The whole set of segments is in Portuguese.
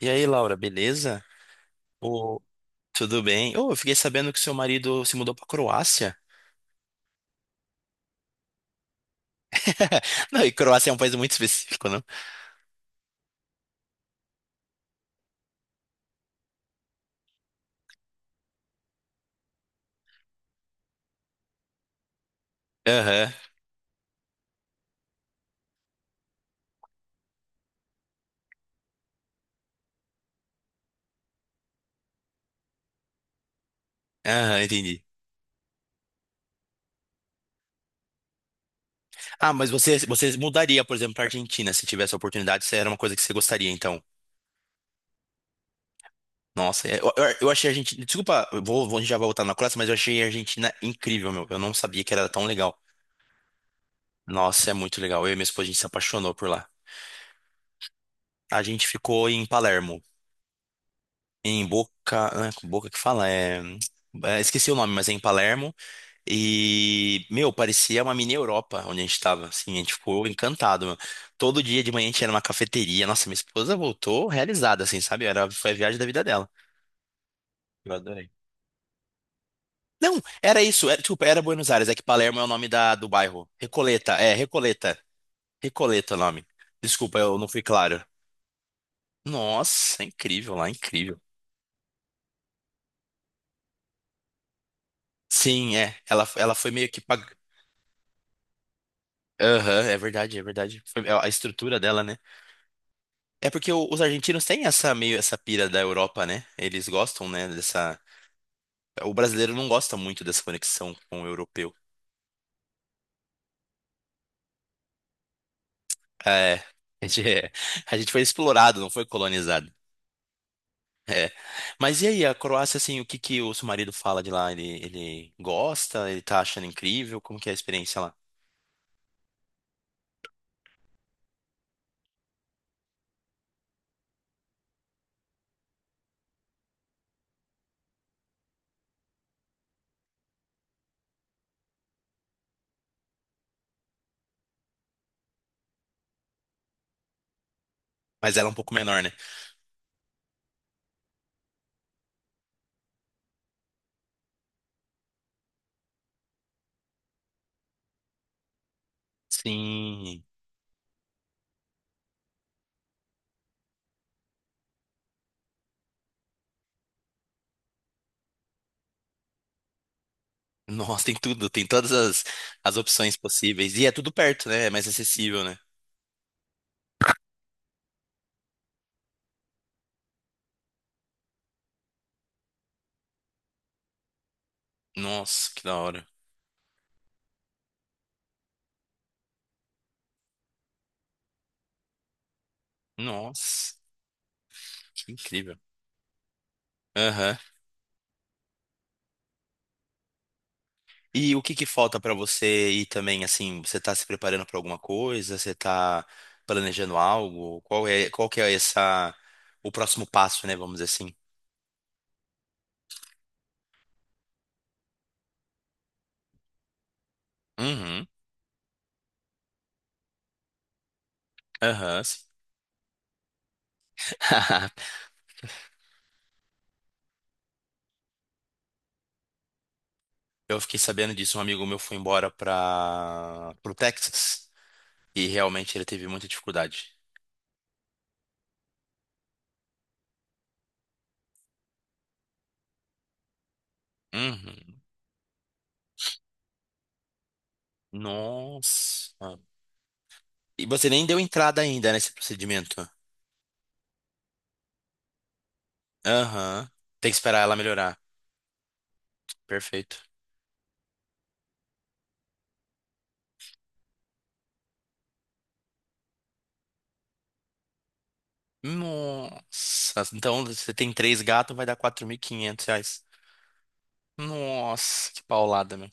E aí, Laura, beleza? Ô, tudo bem? Ô, eu fiquei sabendo que seu marido se mudou pra Croácia. Não, e Croácia é um país muito específico, não? Aham, aham, entendi. Ah, mas você mudaria, por exemplo, pra Argentina se tivesse a oportunidade, se era uma coisa que você gostaria, então. Nossa, eu achei a Argentina. Desculpa, a gente já vai voltar na Croácia, mas eu achei a Argentina incrível, meu. Eu não sabia que era tão legal. Nossa, é muito legal. Eu e minha esposa, a gente se apaixonou por lá. A gente ficou em Palermo. Em Boca, né, Boca que fala, esqueci o nome, mas é em Palermo. E, meu, parecia uma mini Europa onde a gente tava, assim, a gente ficou encantado, meu. Todo dia de manhã a gente era numa cafeteria. Nossa, minha esposa voltou realizada, assim, sabe? Era, foi a viagem da vida dela. Eu adorei. Não, era isso, era, desculpa, era Buenos Aires, é que Palermo é o nome da, do bairro. Recoleta, é, Recoleta. Recoleta é o nome. Desculpa, eu não fui claro. Nossa, é incrível lá, incrível. Sim, é. Ela foi meio que. Aham, é verdade, é verdade. É a estrutura dela, né? É porque os argentinos têm essa meio essa pira da Europa, né? Eles gostam, né, dessa. O brasileiro não gosta muito dessa conexão com o europeu. É, a gente, é- a gente foi explorado, não foi colonizado. É. Mas e aí, a Croácia, assim, o que que o seu marido fala de lá? Ele gosta? Ele tá achando incrível? Como que é a experiência lá? Mas ela é um pouco menor, né? Sim. Nossa, tem tudo, tem todas as, as opções possíveis. E é tudo perto, né? É mais acessível, né? Nossa, que da hora. Nossa, que incrível. Aham. E o que que falta pra você ir também, assim, você tá se preparando pra alguma coisa? Você tá planejando algo? Qual é, qual que é essa, o próximo passo, né, vamos dizer assim? Uhum. Aham, sim. Eu fiquei sabendo disso, um amigo meu foi embora para pro Texas e realmente ele teve muita dificuldade. Uhum. Nossa. E você nem deu entrada ainda nesse procedimento. Aham. Tem que esperar ela melhorar. Perfeito. Nossa, então você tem três gatos, vai dar R$ 4.500. Nossa, que paulada, meu.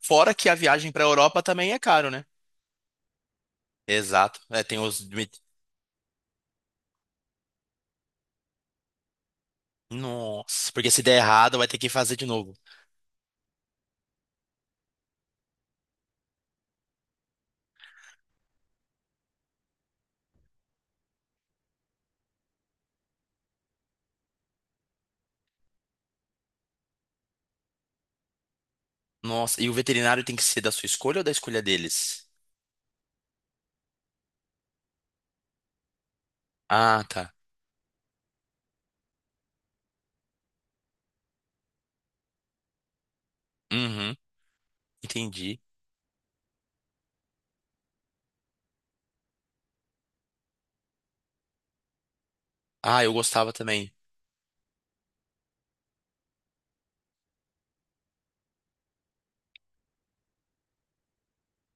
Fora que a viagem pra Europa também é caro, né? Exato. É, tem os. Nossa, porque se der errado, vai ter que fazer de novo. Nossa, e o veterinário tem que ser da sua escolha ou da escolha deles? Ah, tá. Uhum, entendi. Ah, eu gostava também.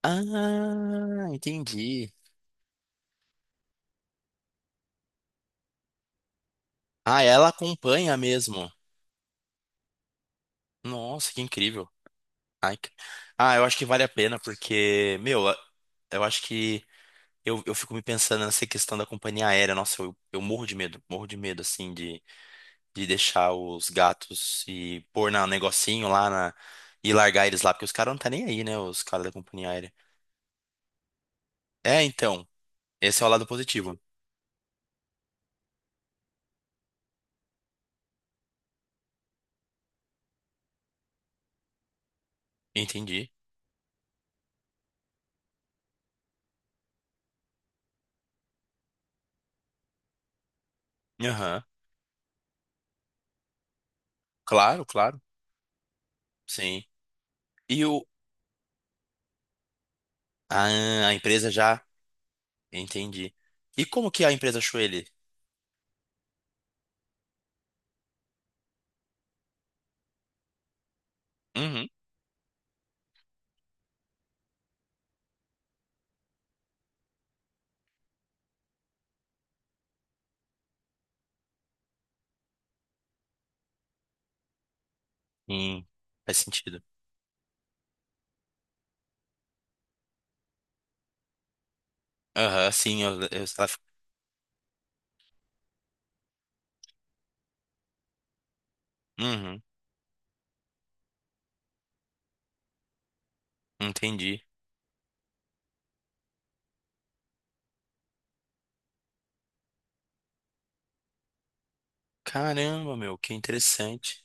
Ah, entendi. Ah, ela acompanha mesmo. Nossa, que incrível. Ai, que- Ah, eu acho que vale a pena, porque, meu, eu acho que eu fico me pensando nessa questão da companhia aérea. Nossa, eu morro de medo, assim, de, deixar os gatos e pôr na, um negocinho lá na, e largar eles lá, porque os caras não tá nem aí, né, os caras da companhia aérea. É, então, esse é o lado positivo. Entendi. Aham. Claro, claro. Sim. E o, ah, a empresa já, entendi. E como que a empresa achou ele? Uhum. Sim, faz sentido. Aham, sim, ela, uhum, entendi. Caramba, meu, que interessante.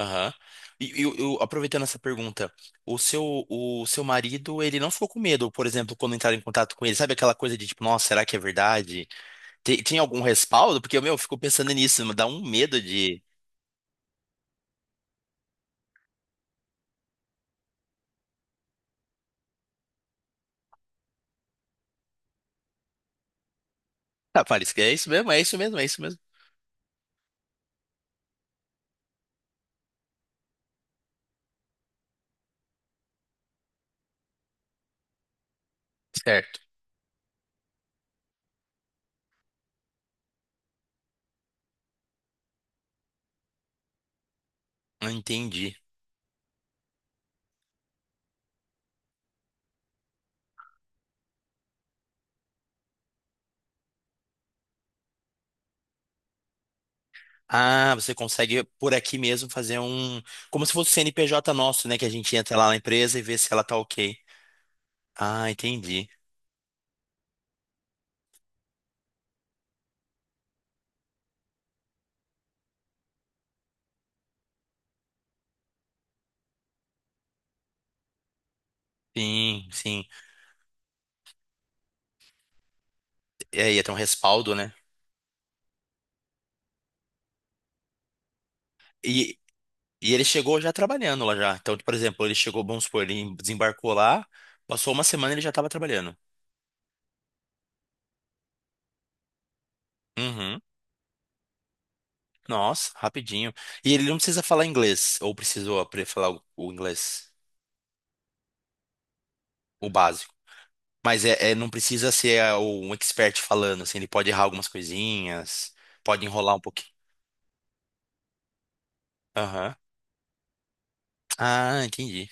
Aham. E aproveitando essa pergunta, o seu marido, ele não ficou com medo, por exemplo, quando entraram em contato com ele, sabe aquela coisa de tipo, nossa, será que é verdade? Tem algum respaldo? Porque, meu, eu fico pensando nisso, me dá um medo de. Ah, Paris, é isso mesmo, é isso mesmo, é isso mesmo. Certo. Entendi. Ah, você consegue por aqui mesmo fazer um. Como se fosse o CNPJ nosso, né? Que a gente entra lá na empresa e vê se ela tá ok. Ah, entendi. Sim, sim. É, ia ter um respaldo, né? E, e ele chegou já trabalhando lá já. Então, por exemplo, ele chegou, vamos supor, ele desembarcou lá, passou uma semana e ele já estava trabalhando. Uhum. Nossa, rapidinho. E ele não precisa falar inglês, ou precisou apre- falar o inglês, o básico. Mas não precisa ser ah, um expert falando, assim, ele pode errar algumas coisinhas, pode enrolar um pouquinho. Aham. Ah, entendi.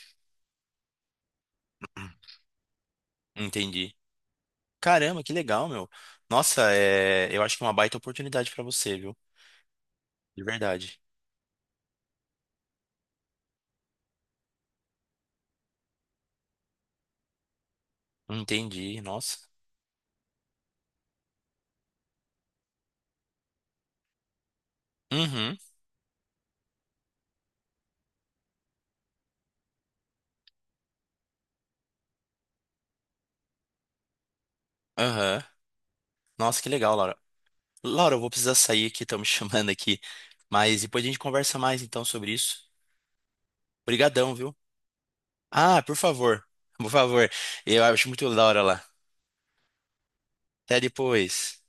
Entendi. Caramba, que legal, meu. Nossa, eu acho que é uma baita oportunidade pra você, viu? De verdade. Entendi, nossa. Uhum, aham. Nossa, que legal, Laura. Laura, eu vou precisar sair aqui, estão me chamando aqui. Mas depois a gente conversa mais então sobre isso. Obrigadão, viu? Ah, por favor. Por favor. Eu acho muito da hora lá. Até depois.